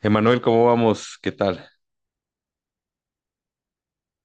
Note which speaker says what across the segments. Speaker 1: Emanuel, ¿cómo vamos? ¿Qué tal?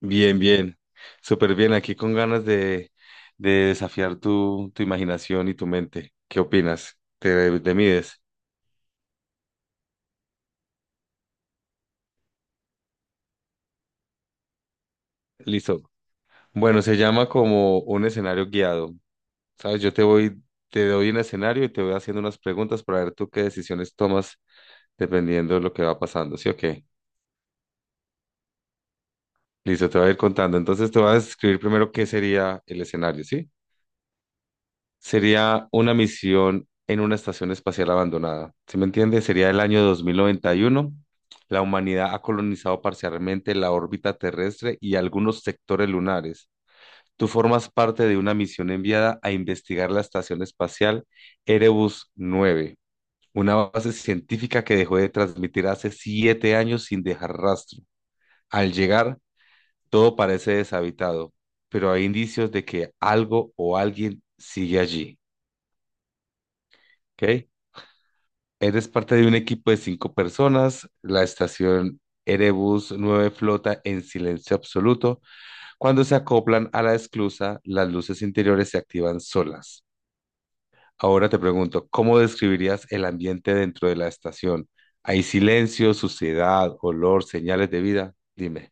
Speaker 1: Bien, bien. Súper bien. Aquí con ganas de desafiar tu imaginación y tu mente. ¿Qué opinas? ¿Te mides? Listo. Bueno, se llama como un escenario guiado. ¿Sabes? Te doy un escenario y te voy haciendo unas preguntas para ver tú qué decisiones tomas dependiendo de lo que va pasando. ¿Sí o qué? Listo, te voy a ir contando. Entonces te voy a describir primero qué sería el escenario, ¿sí? Sería una misión en una estación espacial abandonada. ¿Sí me entiende? Sería el año 2091. La humanidad ha colonizado parcialmente la órbita terrestre y algunos sectores lunares. Tú formas parte de una misión enviada a investigar la estación espacial Erebus 9, una base científica que dejó de transmitir hace 7 años sin dejar rastro. Al llegar, todo parece deshabitado, pero hay indicios de que algo o alguien sigue allí. ¿Ok? Eres parte de un equipo de cinco personas, la estación Erebus 9 flota en silencio absoluto. Cuando se acoplan a la esclusa, las luces interiores se activan solas. Ahora te pregunto, ¿cómo describirías el ambiente dentro de la estación? ¿Hay silencio, suciedad, olor, señales de vida? Dime.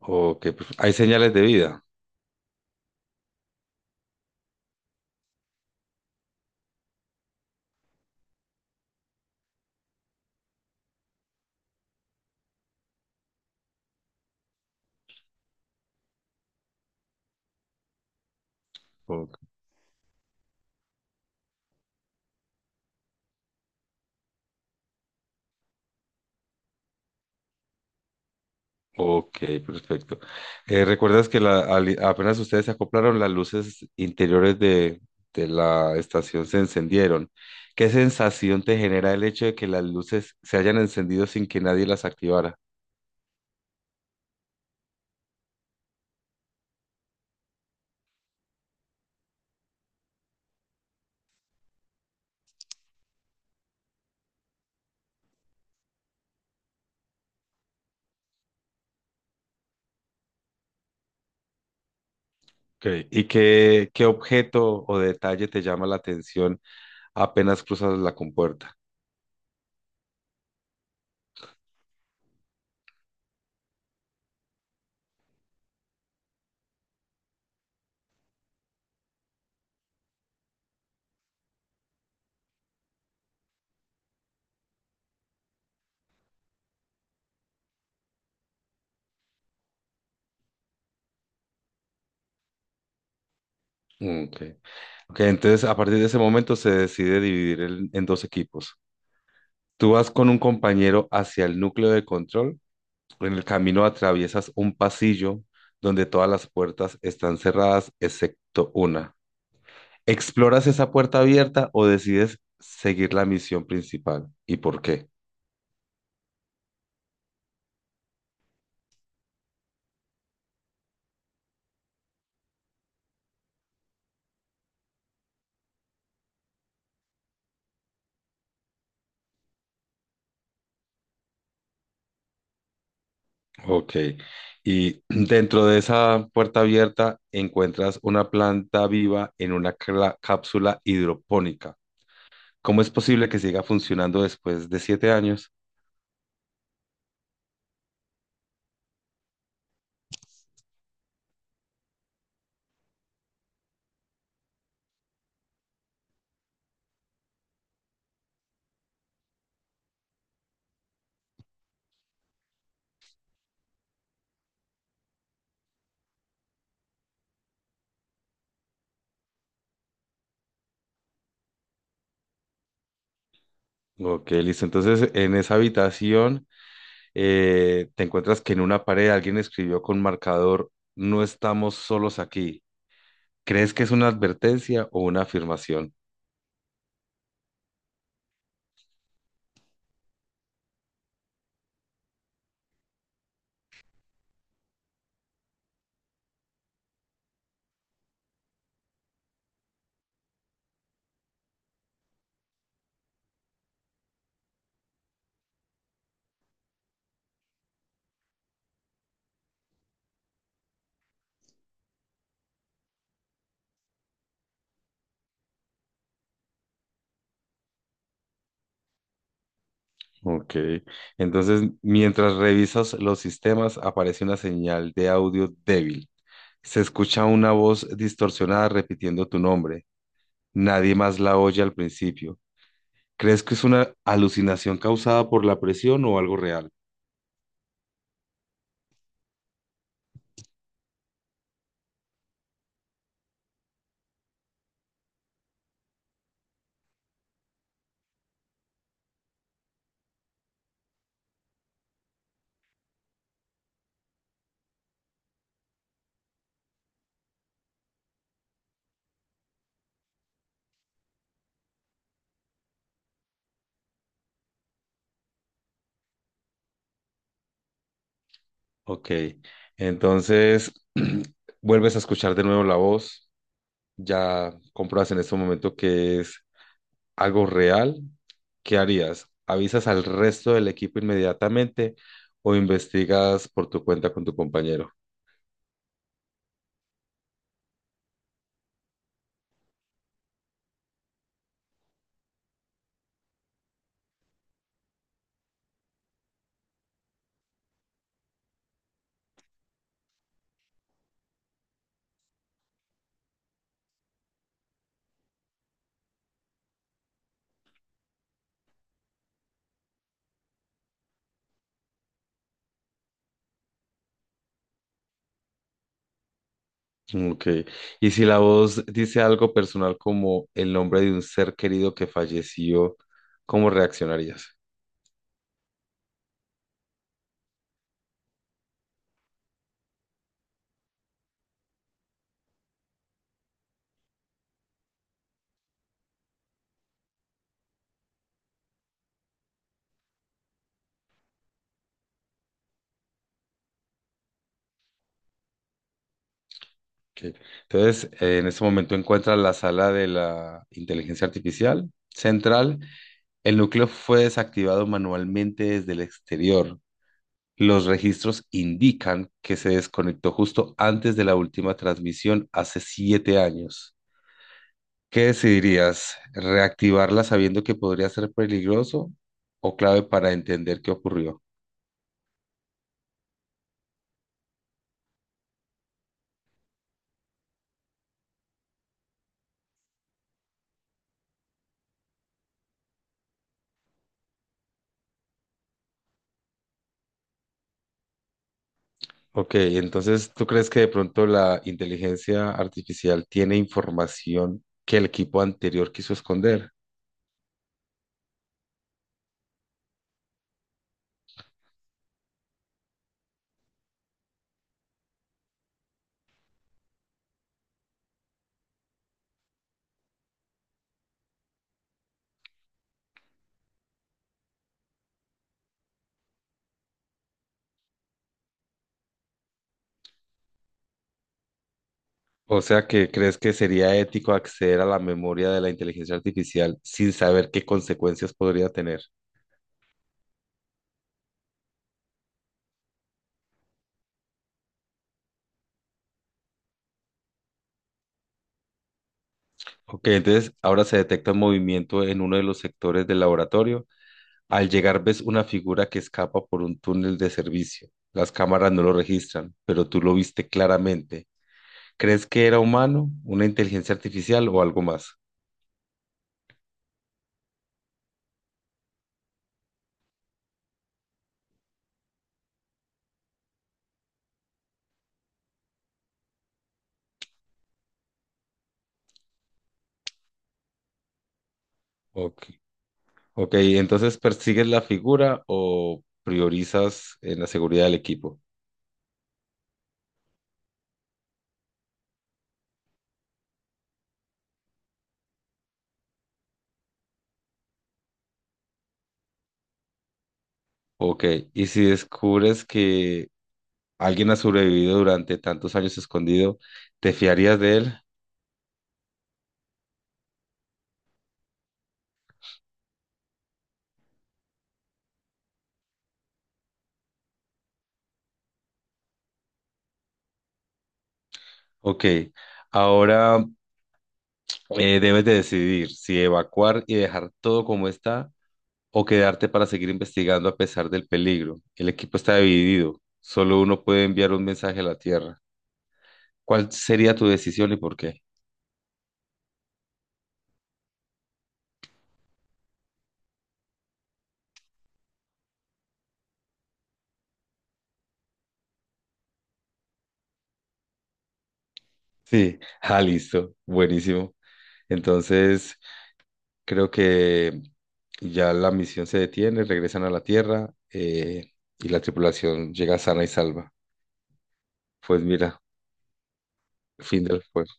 Speaker 1: Ok, pues, ¿hay señales de vida? Ok. Ok, perfecto. ¿Recuerdas que apenas ustedes se acoplaron, las luces interiores de la estación se encendieron? ¿Qué sensación te genera el hecho de que las luces se hayan encendido sin que nadie las activara? Ok. ¿Y qué objeto o detalle te llama la atención apenas cruzas la compuerta? Ok. Ok, entonces a partir de ese momento se decide dividir en dos equipos. Tú vas con un compañero hacia el núcleo de control. En el camino atraviesas un pasillo donde todas las puertas están cerradas excepto una. ¿Exploras esa puerta abierta o decides seguir la misión principal? ¿Y por qué? Ok. Y dentro de esa puerta abierta encuentras una planta viva en una cápsula hidropónica. ¿Cómo es posible que siga funcionando después de 7 años? Ok, listo. Entonces, en esa habitación, te encuentras que en una pared alguien escribió con marcador, no estamos solos aquí. ¿Crees que es una advertencia o una afirmación? Ok. Entonces, mientras revisas los sistemas, aparece una señal de audio débil. Se escucha una voz distorsionada repitiendo tu nombre. Nadie más la oye al principio. ¿Crees que es una alucinación causada por la presión o algo real? Ok. Entonces, vuelves a escuchar de nuevo la voz. Ya compruebas en este momento que es algo real, ¿qué harías? ¿Avisas al resto del equipo inmediatamente o investigas por tu cuenta con tu compañero? Ok. Y si la voz dice algo personal como el nombre de un ser querido que falleció, ¿cómo reaccionarías? Ok. Entonces, en este momento encuentras la sala de la inteligencia artificial central. El núcleo fue desactivado manualmente desde el exterior. Los registros indican que se desconectó justo antes de la última transmisión hace 7 años. ¿Qué decidirías? ¿Reactivarla sabiendo que podría ser peligroso o clave para entender qué ocurrió? Ok, entonces, ¿tú crees que de pronto la inteligencia artificial tiene información que el equipo anterior quiso esconder? O sea, ¿que crees que sería ético acceder a la memoria de la inteligencia artificial sin saber qué consecuencias podría tener? Ok, entonces ahora se detecta un movimiento en uno de los sectores del laboratorio. Al llegar ves una figura que escapa por un túnel de servicio. Las cámaras no lo registran, pero tú lo viste claramente. ¿Crees que era humano, una inteligencia artificial o algo más? Ok, ok, entonces persigues la figura o priorizas en la seguridad del equipo. Ok, y si descubres que alguien ha sobrevivido durante tantos años escondido, ¿te fiarías de él? Ok. Ahora, debes de decidir si evacuar y dejar todo como está o quedarte para seguir investigando a pesar del peligro. El equipo está dividido. Solo uno puede enviar un mensaje a la Tierra. ¿Cuál sería tu decisión y por qué? Sí, ah, listo, buenísimo. Entonces, creo que ya la misión se detiene, regresan a la Tierra, y la tripulación llega sana y salva. Pues mira, fin del juego.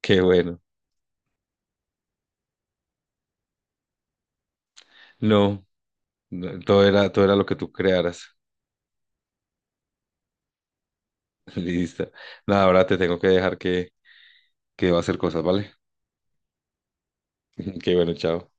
Speaker 1: Qué bueno. No, no, todo era lo que tú crearas. Listo. Nada, ahora te tengo que dejar que va a hacer cosas, ¿vale? Que bueno, chao.